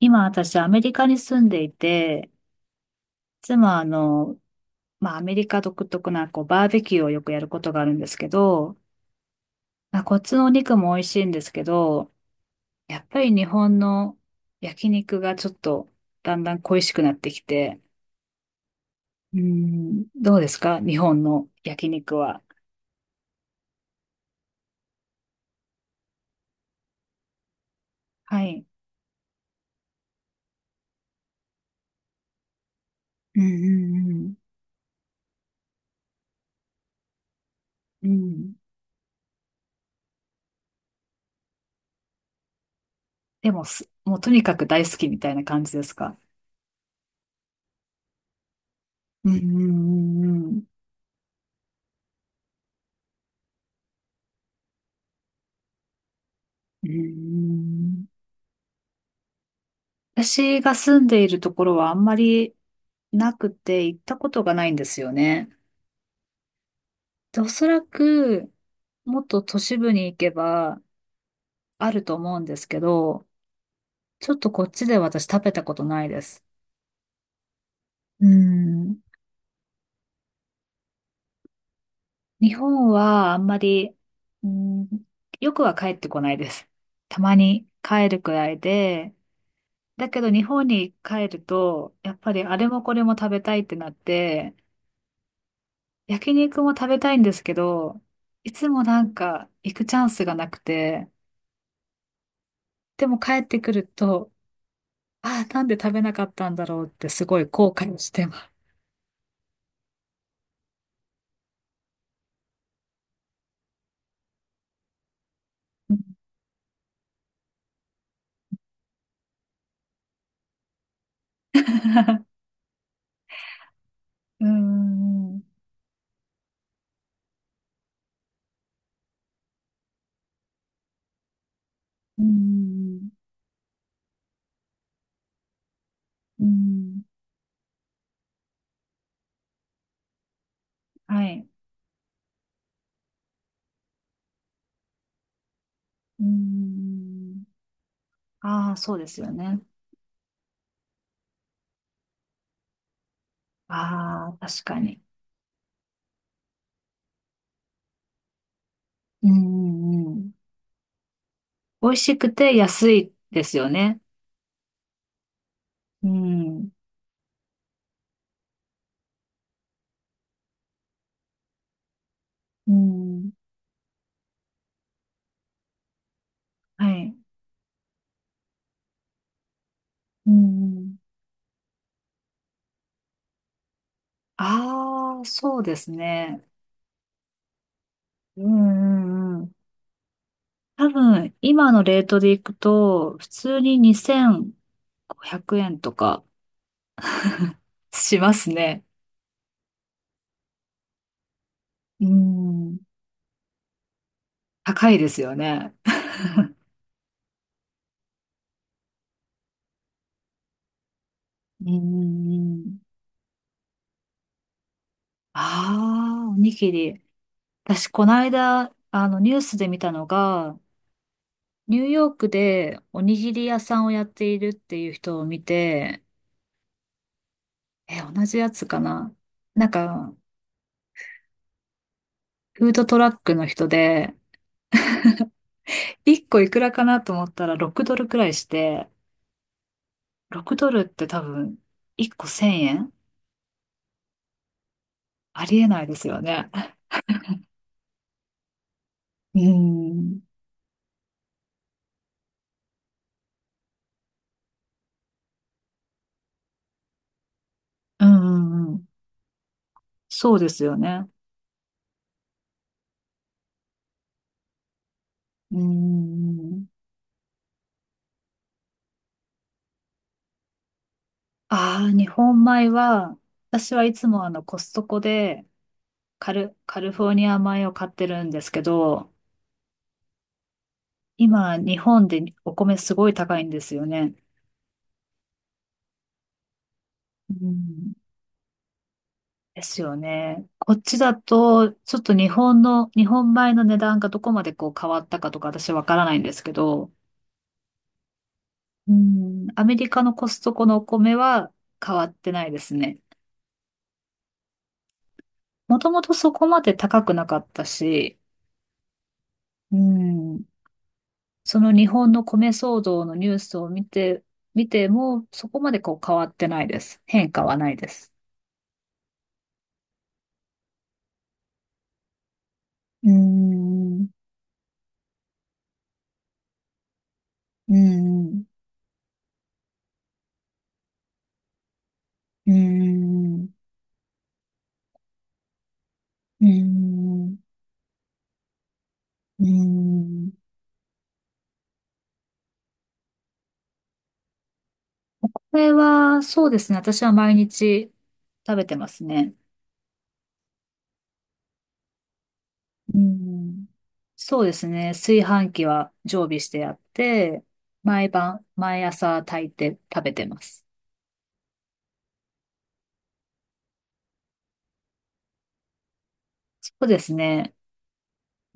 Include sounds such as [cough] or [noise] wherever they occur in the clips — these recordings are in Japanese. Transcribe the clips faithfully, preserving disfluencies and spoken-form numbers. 今私アメリカに住んでいて、いつもあの、まあアメリカ独特なこうバーベキューをよくやることがあるんですけど、まあ、こっちのお肉も美味しいんですけど、やっぱり日本の焼肉がちょっとだんだん恋しくなってきて、うん、どうですか日本の焼肉は？はい。うんうんうん。うん。でもす、もうとにかく大好きみたいな感じですか？うんうんうんうん。うんうんうん。私が住んでいるところはあんまりなくて行ったことがないんですよね。で、おそらくもっと都市部に行けばあると思うんですけど、ちょっとこっちで私食べたことないです。うん。日本はあんまり、うん、よくは帰ってこないです。たまに帰るくらいで、だけど日本に帰ると、やっぱりあれもこれも食べたいってなって、焼肉も食べたいんですけど、いつもなんか行くチャンスがなくて、でも帰ってくると、ああ、なんで食べなかったんだろうってすごい後悔してます。[laughs] うーん、うーん、うーん、はい、うーん。ああ、そうですよね。ああ、確かに。うん、うん。美味しくて安いですよね。うん、うん、はい、うん。ああ、そうですね。うんうんうん。多分、今のレートでいくと、普通ににせんごひゃくえんとかしますね。うん。高いですよね。うんうんうん。ああ、おにぎり。私、この間、あの、ニュースで見たのが、ニューヨークでおにぎり屋さんをやっているっていう人を見て、え、同じやつかな。なんか、フードトラックの人で、いっこいくらかなと思ったらろくドルくらいして、ろくドルって多分、いっこせんえん。ありえないですよね。うん。うんうんうん。そうですよね。うん。ああ、日本米は、私はいつもあのコストコでカル、カルフォルニア米を買ってるんですけど、今日本でお米すごい高いんですよね。うん。ですよね。こっちだと、ちょっと日本の、日本米の値段がどこまでこう変わったかとか私わからないんですけど、うん、アメリカのコストコのお米は変わってないですね。もともとそこまで高くなかったし、うん、その日本の米騒動のニュースを見て、見てもそこまでこう変わってないです。変化はないです。うーん、うーん、うーん、うーん、うーん。これはそうですね。私は毎日食べてますね。うん、そうですね。炊飯器は常備してあって、毎晩、毎朝炊いて食べてます。そうですね。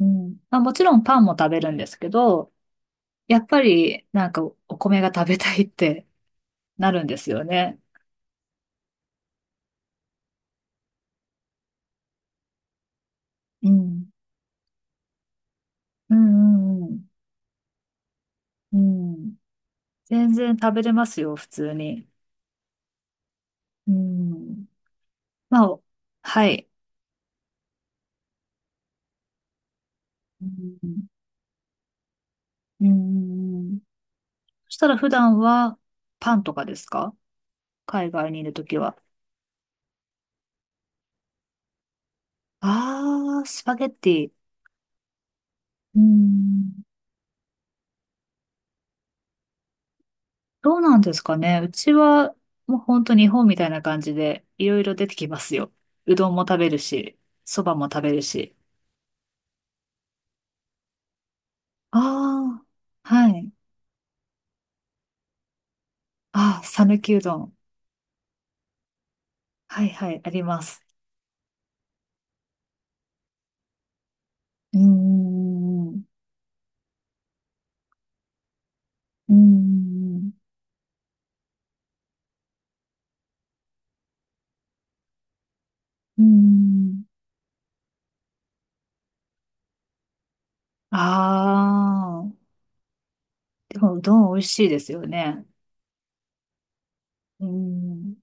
うん。まあ、もちろんパンも食べるんですけど、やっぱりなんかお米が食べたいって [laughs] なるんですよね。うん。うんうんうん。うん。全然食べれますよ、普通に。うん。まあ、はい。うん。うんうんうん。そしたら普段はパンとかですか？海外にいるときは。ああ、スパゲッティ。うーん。どうなんですかね。うちは、もう本当日本みたいな感じで、いろいろ出てきますよ。うどんも食べるし、そばも食べるし。ああ、はい。ああ、讃岐うどん。はいはい、あります。うーん。うーん。うーん。ああ、でもうどん美味しいですよね。うん。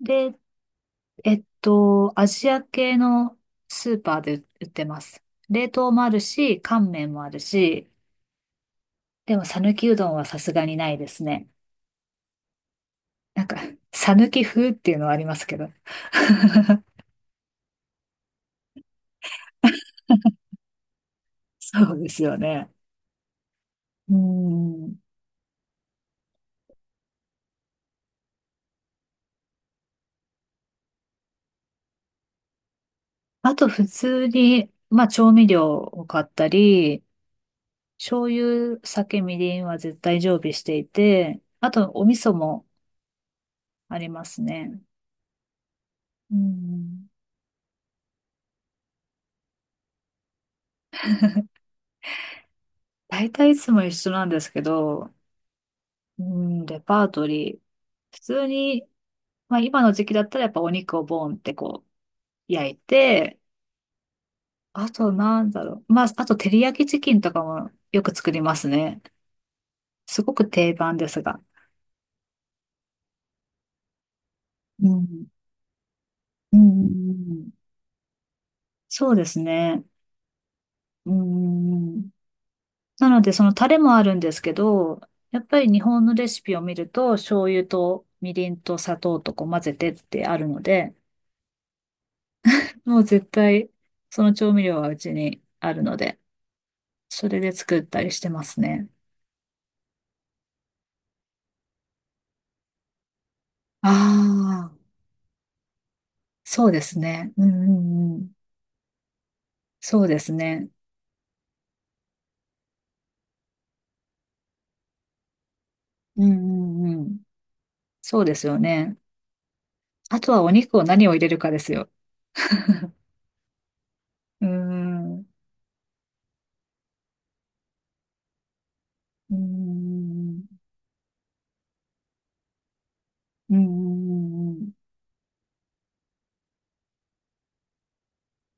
で、えっと、アジア系のスーパーで売ってます。冷凍もあるし、乾麺もあるし、でも讃岐うどんはさすがにないですね。なんか、讃岐風っていうのはありますけど。[laughs] そうですよね。うん。あと、普通に、まあ、調味料を買ったり、醤油、酒、みりんは絶対常備していて、あと、お味噌もありますね。うん。大体いつも一緒なんですけど、うん、レパートリー。普通に、まあ今の時期だったらやっぱお肉をボーンってこう焼いて、あとなんだろう。まあ、あと照り焼きチキンとかもよく作りますね。すごく定番ですが。うん。うん。そうですね。うん。なのでそのタレもあるんですけど、やっぱり日本のレシピを見ると醤油とみりんと砂糖とこう混ぜてってあるので、もう絶対その調味料はうちにあるので、それで作ったりしてますね。ああ、そうですね。うんうんうん。そうですね。うんうんうん。そうですよね。あとはお肉を何を入れるかですよ。うーん。うーん。うんうんうん。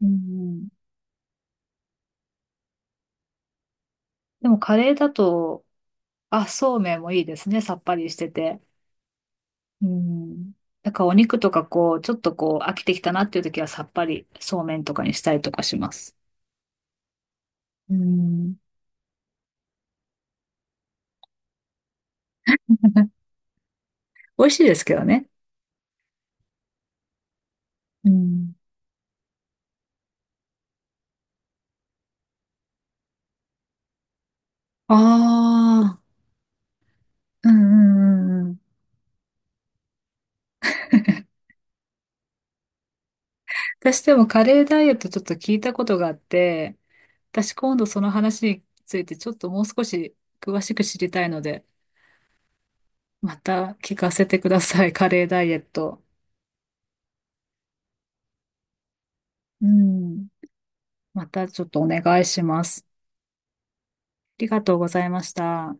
うんうん。でもカレーだと、あ、そうめんもいいですね。さっぱりしてて。うん。だからお肉とかこう、ちょっとこう、飽きてきたなっていう時はさっぱりそうめんとかにしたりとかします。うん。[laughs] 美味しいですけどね。うん。ああ、うんうんうんうん。私でもカレーダイエットちょっと聞いたことがあって、私今度その話についてちょっともう少し詳しく知りたいので、また聞かせてください、カレーダイエット。うん。またちょっとお願いします。ありがとうございました。